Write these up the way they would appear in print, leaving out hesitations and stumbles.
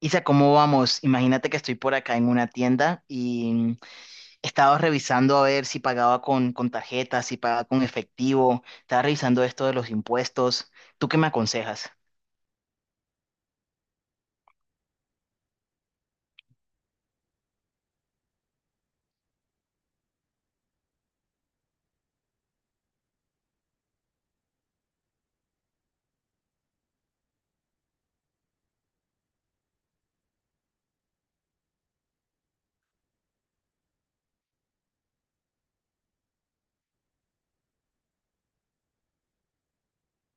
Isa, ¿cómo vamos? Imagínate que estoy por acá en una tienda y estaba revisando a ver si pagaba con tarjeta, si pagaba con efectivo, estaba revisando esto de los impuestos. ¿Tú qué me aconsejas?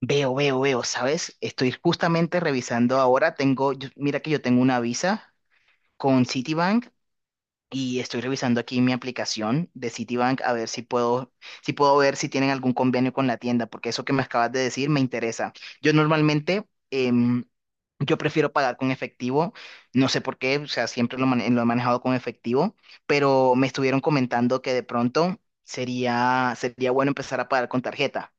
Veo, ¿sabes? Estoy justamente revisando ahora, tengo, mira que yo tengo una Visa con Citibank. Y estoy revisando aquí mi aplicación de Citibank a ver si puedo, si puedo ver si tienen algún convenio con la tienda, porque eso que me acabas de decir me interesa. Yo normalmente, em, yo prefiero pagar con efectivo, no sé por qué, o sea, siempre lo he manejado con efectivo, pero me estuvieron comentando que de pronto sería bueno empezar a pagar con tarjeta.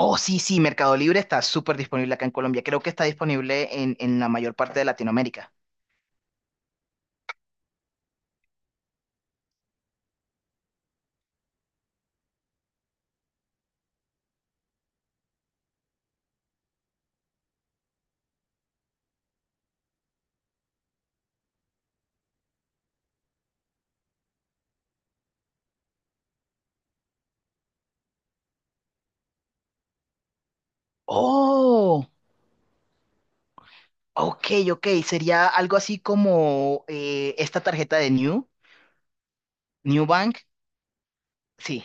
Oh, sí, sí, Mercado Libre está súper disponible acá en Colombia. Creo que está disponible en la mayor parte de Latinoamérica. Oh. Ok, ok, sería algo así como esta tarjeta de New Bank. Sí,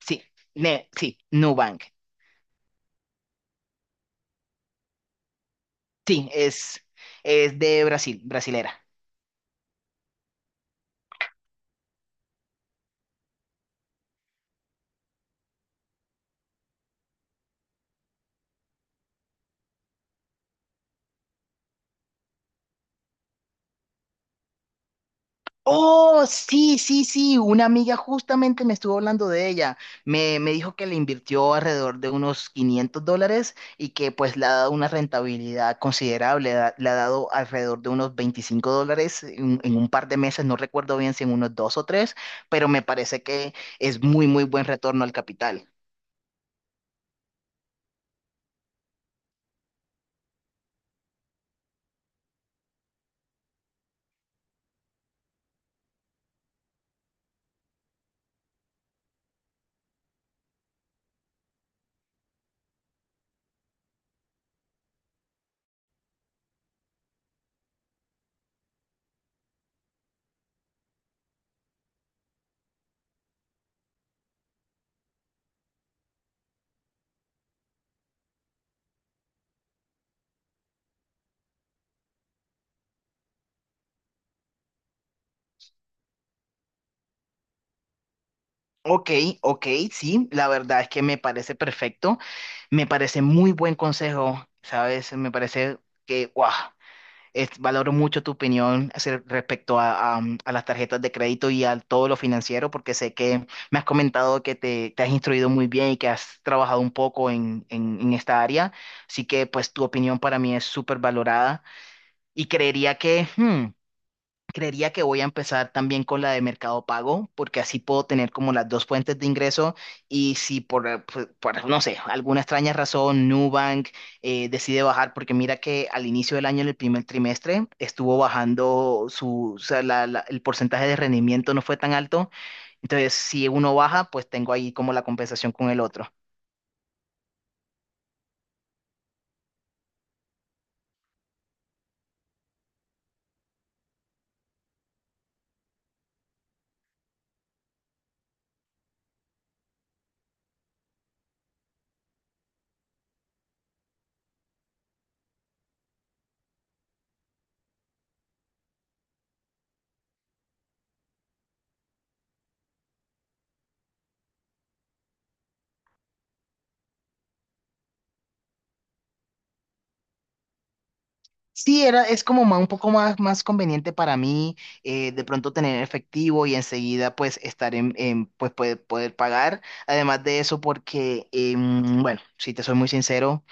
sí, sí, New Bank. Sí, es de Brasil, brasilera. Oh, sí, sí, sí, una amiga justamente me estuvo hablando de ella. Me dijo que le invirtió alrededor de unos $500 y que pues le ha dado una rentabilidad considerable, le ha dado alrededor de unos $25 en un par de meses, no recuerdo bien si en unos dos o tres, pero me parece que es muy buen retorno al capital. Ok, ok, sí, la verdad es que me parece perfecto. Me parece muy buen consejo, ¿sabes? Me parece que, guau. Valoro mucho tu opinión respecto a las tarjetas de crédito y a todo lo financiero, porque sé que me has comentado que te has instruido muy bien y que has trabajado un poco en esta área. Así que pues tu opinión para mí es súper valorada y creería que. Creería que voy a empezar también con la de Mercado Pago, porque así puedo tener como las dos fuentes de ingreso y si por, no sé, alguna extraña razón Nubank decide bajar, porque mira que al inicio del año, en el primer trimestre, estuvo bajando su, o sea, la- la- el porcentaje de rendimiento no fue tan alto, entonces si uno baja, pues tengo ahí como la compensación con el otro. Sí, era, es como un poco más, más conveniente para mí. De pronto tener efectivo y enseguida pues estar pues poder pagar. Además de eso, porque, bueno, si te soy muy sincero.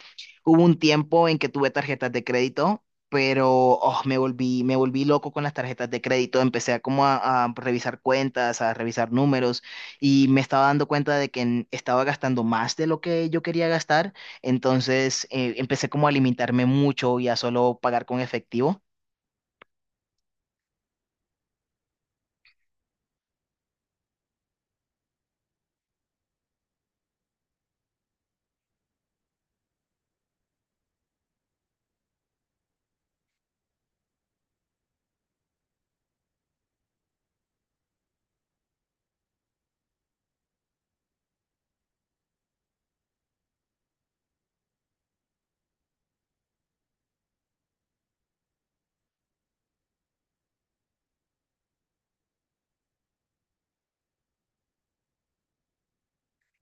Hubo un tiempo en que tuve tarjetas de crédito, pero oh, me volví loco con las tarjetas de crédito. Empecé a revisar cuentas, a revisar números y me estaba dando cuenta de que estaba gastando más de lo que yo quería gastar. Entonces empecé como a limitarme mucho y a solo pagar con efectivo.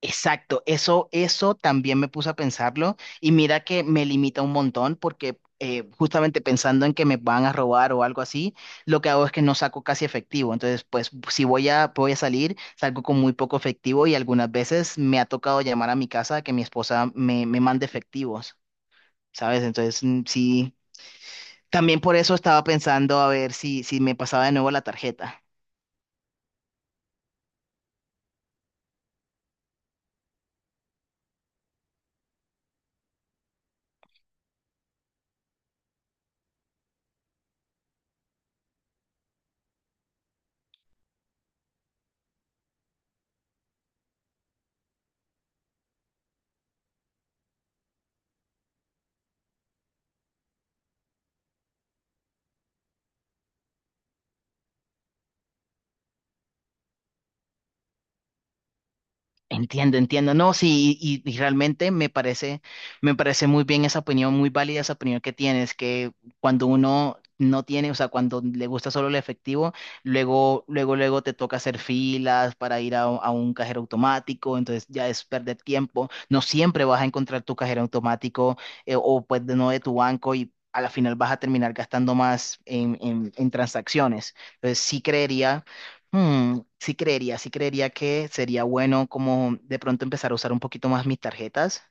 Exacto, eso también me puse a pensarlo y mira que me limita un montón porque justamente pensando en que me van a robar o algo así, lo que hago es que no saco casi efectivo. Entonces, pues si voy a salir, salgo con muy poco efectivo y algunas veces me ha tocado llamar a mi casa a que mi esposa me mande efectivos, ¿sabes? Entonces, mm, sí, también por eso estaba pensando a ver si, si me pasaba de nuevo la tarjeta. Entiendo, entiendo. No, sí, y realmente me parece muy bien esa opinión, muy válida esa opinión que tienes, que cuando uno no tiene, o sea, cuando le gusta solo el efectivo, luego, luego, luego te toca hacer filas para ir a un cajero automático, entonces ya es perder tiempo. No siempre vas a encontrar tu cajero automático o pues de no de tu banco y a la final vas a terminar gastando más en transacciones. Entonces sí creería. Hmm, sí creería que sería bueno como de pronto empezar a usar un poquito más mis tarjetas.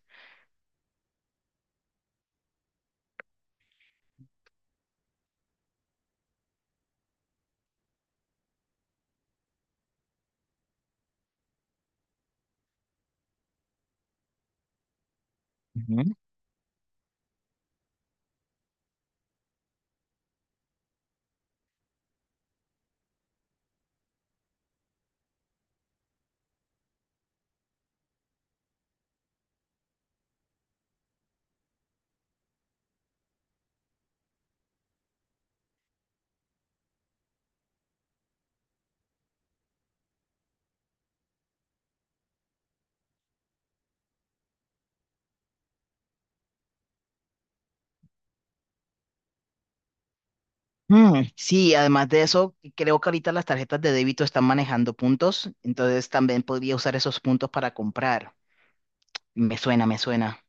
Ujú. Mm, sí, además de eso, creo que ahorita las tarjetas de débito están manejando puntos, entonces también podría usar esos puntos para comprar. Me suena, me suena,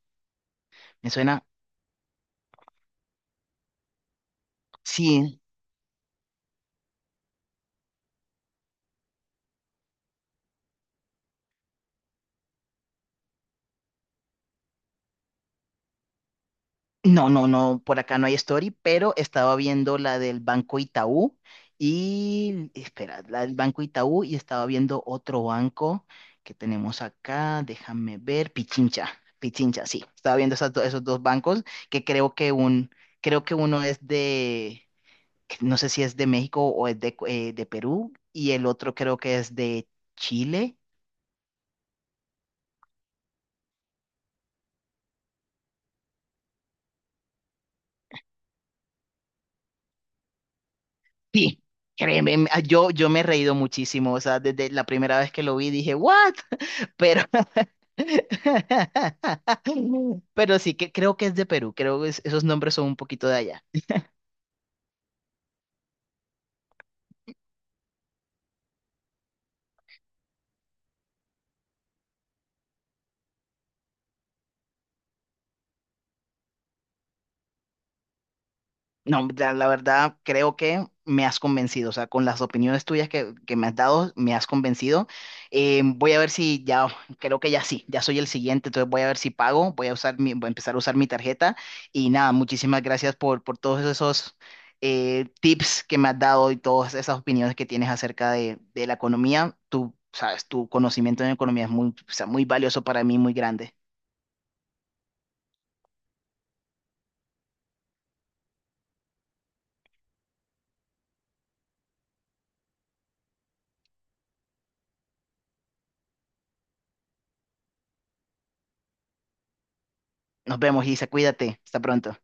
me suena. Sí, no, no, no, por acá no hay story, pero estaba viendo la del Banco Itaú y, espera, la del Banco Itaú y estaba viendo otro banco que tenemos acá, déjame ver, Pichincha, Pichincha, sí, estaba viendo esos dos bancos que creo que creo que uno es de, no sé si es de México o es de Perú y el otro creo que es de Chile. Sí, créeme, yo me he reído muchísimo, o sea, desde la primera vez que lo vi dije, ¿what? Pero pero sí que creo que es de Perú, creo que esos nombres son un poquito de allá. No, la verdad creo que me has convencido, o sea, con las opiniones tuyas que me has dado, me has convencido. Voy a ver si ya, creo que ya sí, ya soy el siguiente, entonces voy a ver si pago, voy a empezar a usar mi tarjeta y nada, muchísimas gracias por todos esos tips que me has dado y todas esas opiniones que tienes acerca de la economía. Tú sabes, tu conocimiento en economía es muy, o sea, muy valioso para mí, muy grande. Nos vemos, Isa, cuídate, hasta pronto.